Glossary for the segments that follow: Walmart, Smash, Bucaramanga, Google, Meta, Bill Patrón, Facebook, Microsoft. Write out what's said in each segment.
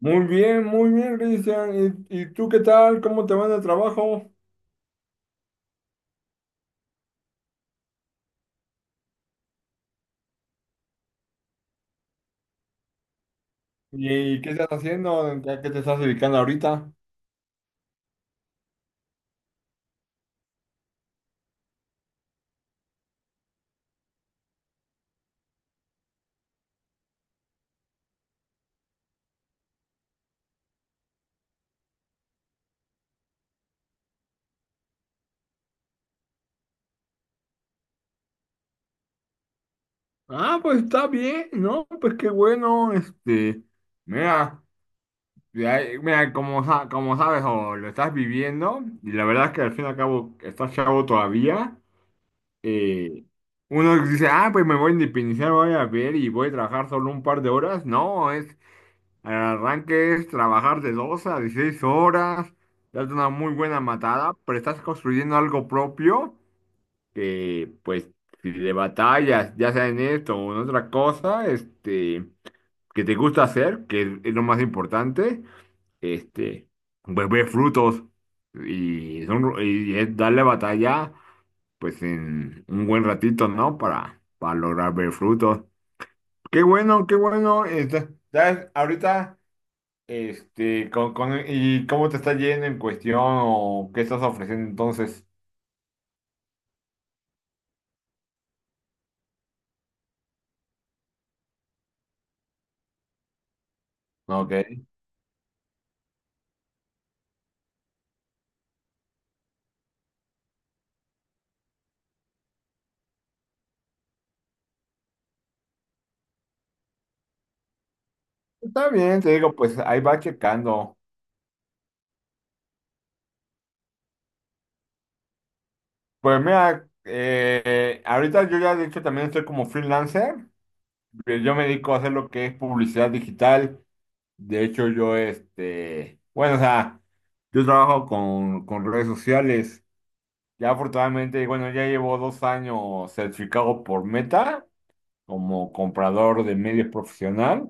Muy bien, Cristian. ¿Y tú qué tal? ¿Cómo te va en el trabajo? ¿Y qué estás haciendo? ¿A qué te estás dedicando ahorita? Ah, pues está bien, ¿no? Pues qué bueno, este, mira, mira, como, como sabes o lo estás viviendo, y la verdad es que al fin y al cabo estás chavo todavía, eh, uno dice, ah, pues me voy a independizar, voy a ver y voy a trabajar solo un par de horas. No, es el arranque es trabajar de 2 a 16 horas, darte una muy buena matada, pero estás construyendo algo propio que, pues, si le batallas, ya sea en esto o en otra cosa, este, que te gusta hacer, que es lo más importante, este, pues ve frutos y, y es darle batalla, pues, en un buen ratito, ¿no? Para lograr ver frutos. Qué bueno, qué bueno. Este, ¿sabes? Ahorita. Este, con, ¿y cómo te está yendo en cuestión o qué estás ofreciendo entonces? Ok. Está bien, te digo, pues ahí va checando. Pues mira, ahorita yo ya de hecho también estoy como freelancer. Yo me dedico a hacer lo que es publicidad digital. De hecho, yo este, bueno, o sea, yo trabajo con redes sociales. Ya afortunadamente, bueno, ya llevo 2 años certificado por Meta como comprador de medios profesional.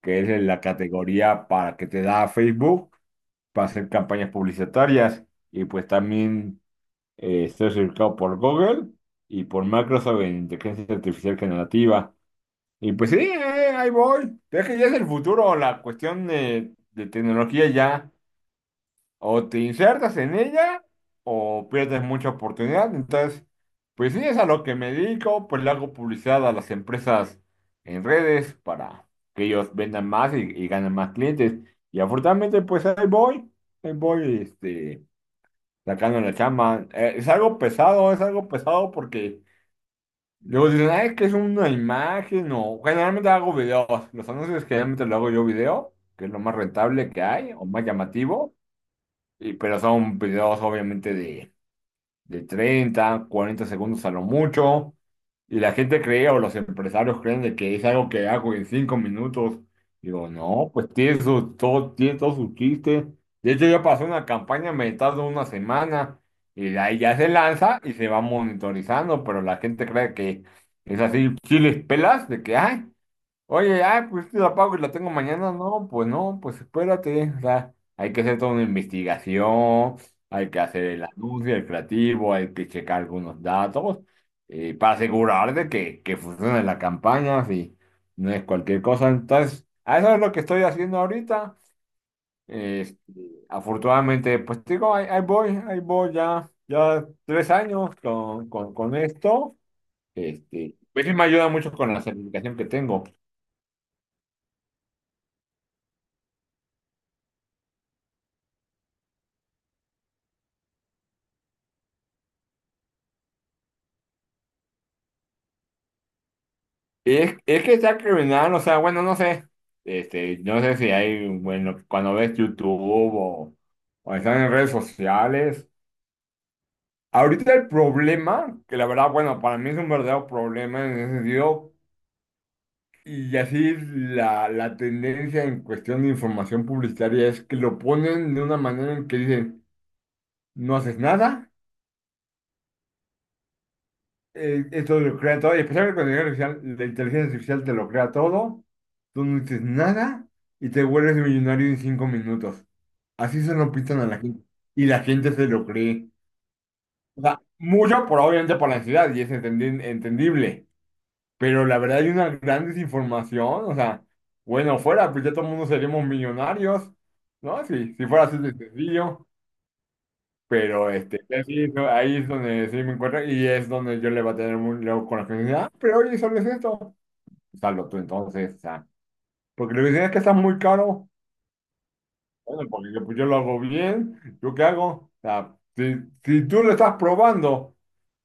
Que es en la categoría para que te da Facebook para hacer campañas publicitarias. Y pues también estoy certificado por Google y por Microsoft en inteligencia artificial generativa. Y pues sí, ahí voy. Es que ya es el futuro, la cuestión de tecnología ya o te insertas en ella o pierdes mucha oportunidad. Entonces, pues sí, es a lo que me dedico, pues le hago publicidad a las empresas en redes para que ellos vendan más y ganen más clientes. Y afortunadamente, pues ahí voy, este, sacando la chamba. Es algo pesado, es algo pesado porque luego dicen, ay, es que es una imagen o generalmente hago videos. Los anuncios generalmente lo hago yo video, que es lo más rentable que hay o más llamativo. Pero son videos obviamente de 30 40 segundos a lo mucho. Y la gente cree o los empresarios creen de que es algo que hago en 5 minutos. Digo, no, pues todo, tiene todo su chiste. De hecho, yo pasé una campaña, me tardo una semana y de ahí ya se lanza y se va monitorizando, pero la gente cree que es así, chiles pelas, de que, ay, oye, ah, pues te la pago y la tengo mañana. No, pues no, pues espérate. O sea, hay que hacer toda una investigación, hay que hacer el anuncio, el creativo, hay que checar algunos datos para asegurar de que, funcione la campaña, si no es cualquier cosa. Entonces, a eso es lo que estoy haciendo ahorita. Este, afortunadamente, pues te digo, ahí voy, ahí voy ya 3 años con esto. Este, pues sí me ayuda mucho con la certificación que tengo. Y es que sea criminal, o sea, bueno, no sé. Este, no sé si hay, bueno, cuando ves YouTube o, o están en redes sociales. Ahorita el problema, que la verdad, bueno, para mí es un verdadero problema en ese sentido, y así la tendencia en cuestión de información publicitaria es que lo ponen de una manera en que dicen, no haces nada. Esto lo crea todo, y especialmente cuando la inteligencia artificial te lo crea todo, tú no dices nada y te vuelves millonario en 5 minutos. Así se lo pintan a la gente. Y la gente se lo cree. O sea, mucho por obviamente por la ansiedad, y es entendible. Pero la verdad hay una gran desinformación. O sea, bueno, fuera, pues ya todo el mundo seríamos millonarios, ¿no? Si fuera así de sencillo. Pero este, así, no, ahí es donde sí me encuentro y es donde yo le va a tener muy luego con la gente. Ah, pero oye, solo es esto. Salvo tú entonces, o sea, porque le dicen es que está muy caro. Bueno, porque yo, pues, yo lo hago bien, ¿yo qué hago? O sea, si tú lo estás probando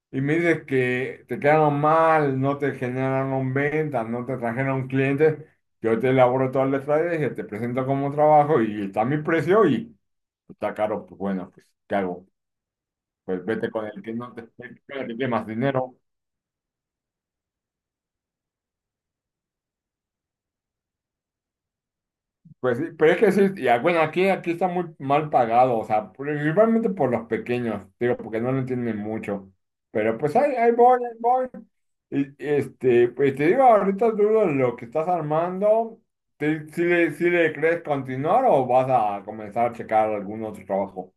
y me dices que te quedaron mal, no te generaron ventas, no te trajeron clientes, yo te elaboro toda la estrategia, te presento como trabajo y está mi precio y está caro, pues bueno, pues, ¿qué hago? Pues vete con el que no te con el que tiene más dinero. Pues sí, pero es que sí, y ah, bueno, aquí está muy mal pagado, o sea, principalmente por los pequeños, digo, porque no lo entienden mucho. Pero pues ahí voy, ahí voy. Y este, pues te digo, ahorita dudo lo que estás armando. ¿Si le, si le crees continuar o vas a comenzar a checar algún otro trabajo?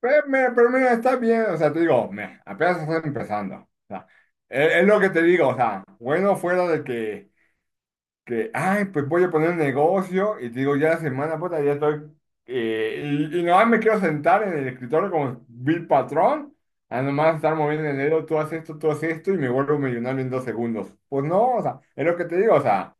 Pero mira, está bien, o sea, te digo, mira, apenas estás empezando. O sea, es lo que te digo, o sea, bueno fuera de que ay, pues voy a poner un negocio y te digo, ya la semana, puta, ya estoy, y nomás me quiero sentar en el escritorio como Bill Patrón, a nomás estar moviendo el dedo, tú haces esto, y me vuelvo millonario en 2 segundos. Pues no, o sea, es lo que te digo, o sea.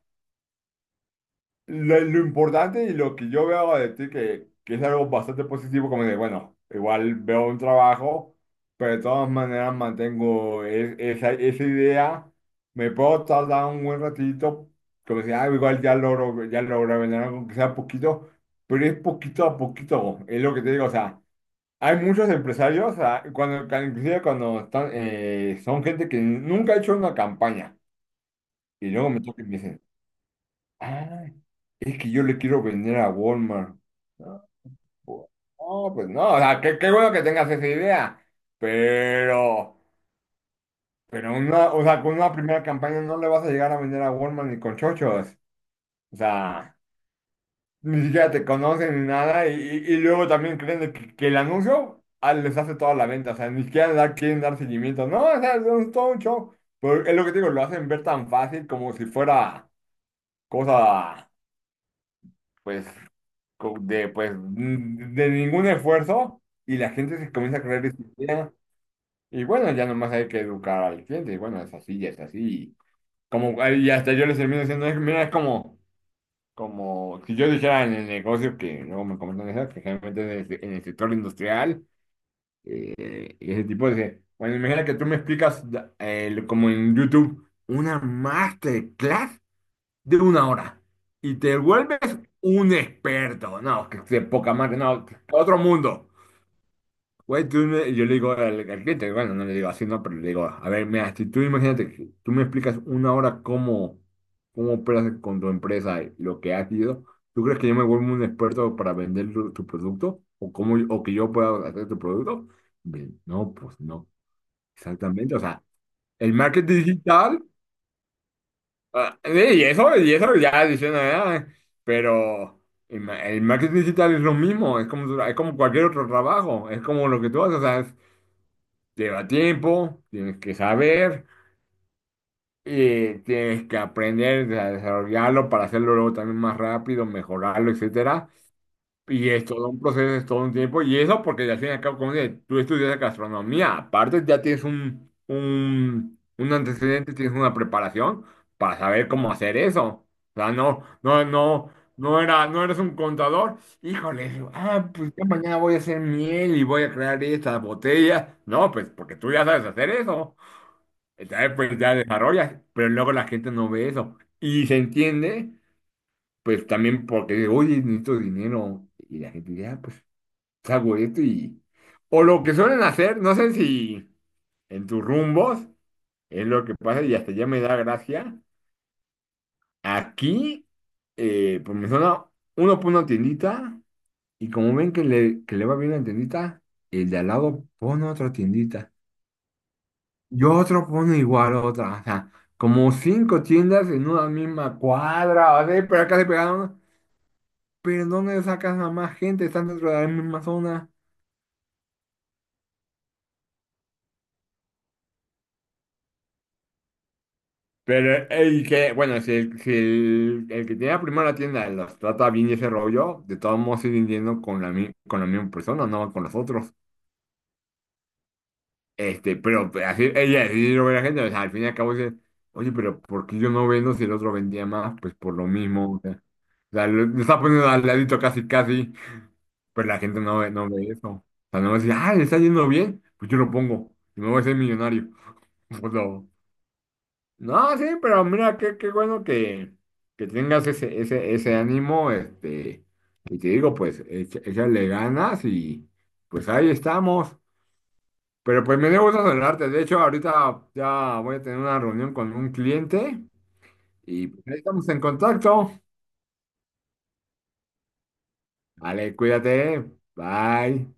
Lo importante y lo que yo veo de ti, que es algo bastante positivo, como de, bueno, igual veo un trabajo, pero de todas maneras mantengo esa idea, me puedo tardar un buen ratito, como si, ah, igual ya logro vender algo, que sea poquito, pero es poquito a poquito, es lo que te digo, o sea, hay muchos empresarios, o sea, cuando, inclusive cuando están, son gente que nunca ha hecho una campaña, y luego me toca y me dicen, "Ah, es que yo le quiero vender a Walmart. Ah, pues ah, pues no, o sea, qué bueno que tengas esa idea, pero, pero una, o sea, con una primera campaña no le vas a llegar a vender a Walmart ni con chochos. O sea, ni siquiera te conocen ni nada, y luego también creen de que el anuncio ah, les hace toda la venta, o sea, ni siquiera quieren dar seguimiento. No, o sea, es todo un show. Pero es lo que te digo, lo hacen ver tan fácil como si fuera cosa, pues. De de ningún esfuerzo y la gente se comienza a creer esa idea. Y bueno, ya nomás hay que educar al cliente. Y bueno, es así. Y, como, y hasta yo les termino diciendo, Mira, es como si yo dijera en el negocio que luego me comentan eso, que generalmente en el sector industrial, y ese tipo de. Bueno, imagina que tú me explicas como en YouTube una masterclass de una hora y te vuelves un experto. No, que de poca madre, no, otro mundo. Güey, yo le digo al cliente, bueno, no le digo así, no, pero le digo, a ver, mira, si tú imagínate, que tú me explicas una hora cómo operas con tu empresa, y lo que has sido, ¿tú crees que yo me vuelvo un experto para vender tu producto? ¿O que yo pueda hacer tu producto? Bien, no, pues no, exactamente, o sea, el marketing digital. Ah, sí, y eso ya diciendo, ah, pero el marketing digital es lo mismo, es como, es como cualquier otro trabajo, es como lo que tú haces, o sea, lleva tiempo, tienes que saber, y tienes que aprender a desarrollarlo para hacerlo luego también más rápido, mejorarlo, etcétera. Y es todo un proceso, es todo un tiempo. Y eso porque ya al fin y al cabo, como dices, tú estudias gastronomía. Aparte, ya tienes un antecedente, tienes una preparación para saber cómo hacer eso. O sea, no, no, no, no era, no eres un contador. Híjole, ah, pues ya mañana voy a hacer miel y voy a crear estas botellas. No, pues porque tú ya sabes hacer eso. Entonces, pues ya desarrollas. Pero luego la gente no ve eso. Y se entiende, pues también porque, oye, necesito dinero. Y la gente dice, ah, pues hago esto y... O lo que suelen hacer, no sé si en tus rumbos es lo que pasa y hasta ya me da gracia. Aquí, pues me suena, uno pone una tiendita y como ven que le va bien la tiendita, el de al lado pone otra tiendita y otro pone igual otra. O sea, como cinco tiendas en una misma cuadra, o sea, pero acá se pegaron, pero ¿dónde sacas a más gente? Están dentro de la misma zona. Pero el que, bueno, si el, si el, el que tiene primero la tienda los trata bien y ese rollo, de todos modos siguen yendo con la misma persona, no con los otros. Este, pero pues, así, ella sí lo ve la gente, o sea, al fin y al cabo dice, oye, pero ¿por qué yo no vendo si el otro vendía más? Pues por lo mismo, o sea, lo está poniendo al ladito casi, casi, pero la gente no ve eso. O sea, no va a decir, ah, le está yendo bien, pues yo lo pongo y me voy a ser millonario. Pues no. No, sí, pero mira, qué bueno que tengas ese ánimo, este, y te digo, pues, échale ganas y pues ahí estamos. Pero pues me dio gusto saludarte, de hecho, ahorita ya voy a tener una reunión con un cliente y pues, ahí estamos en contacto. Vale, cuídate, bye.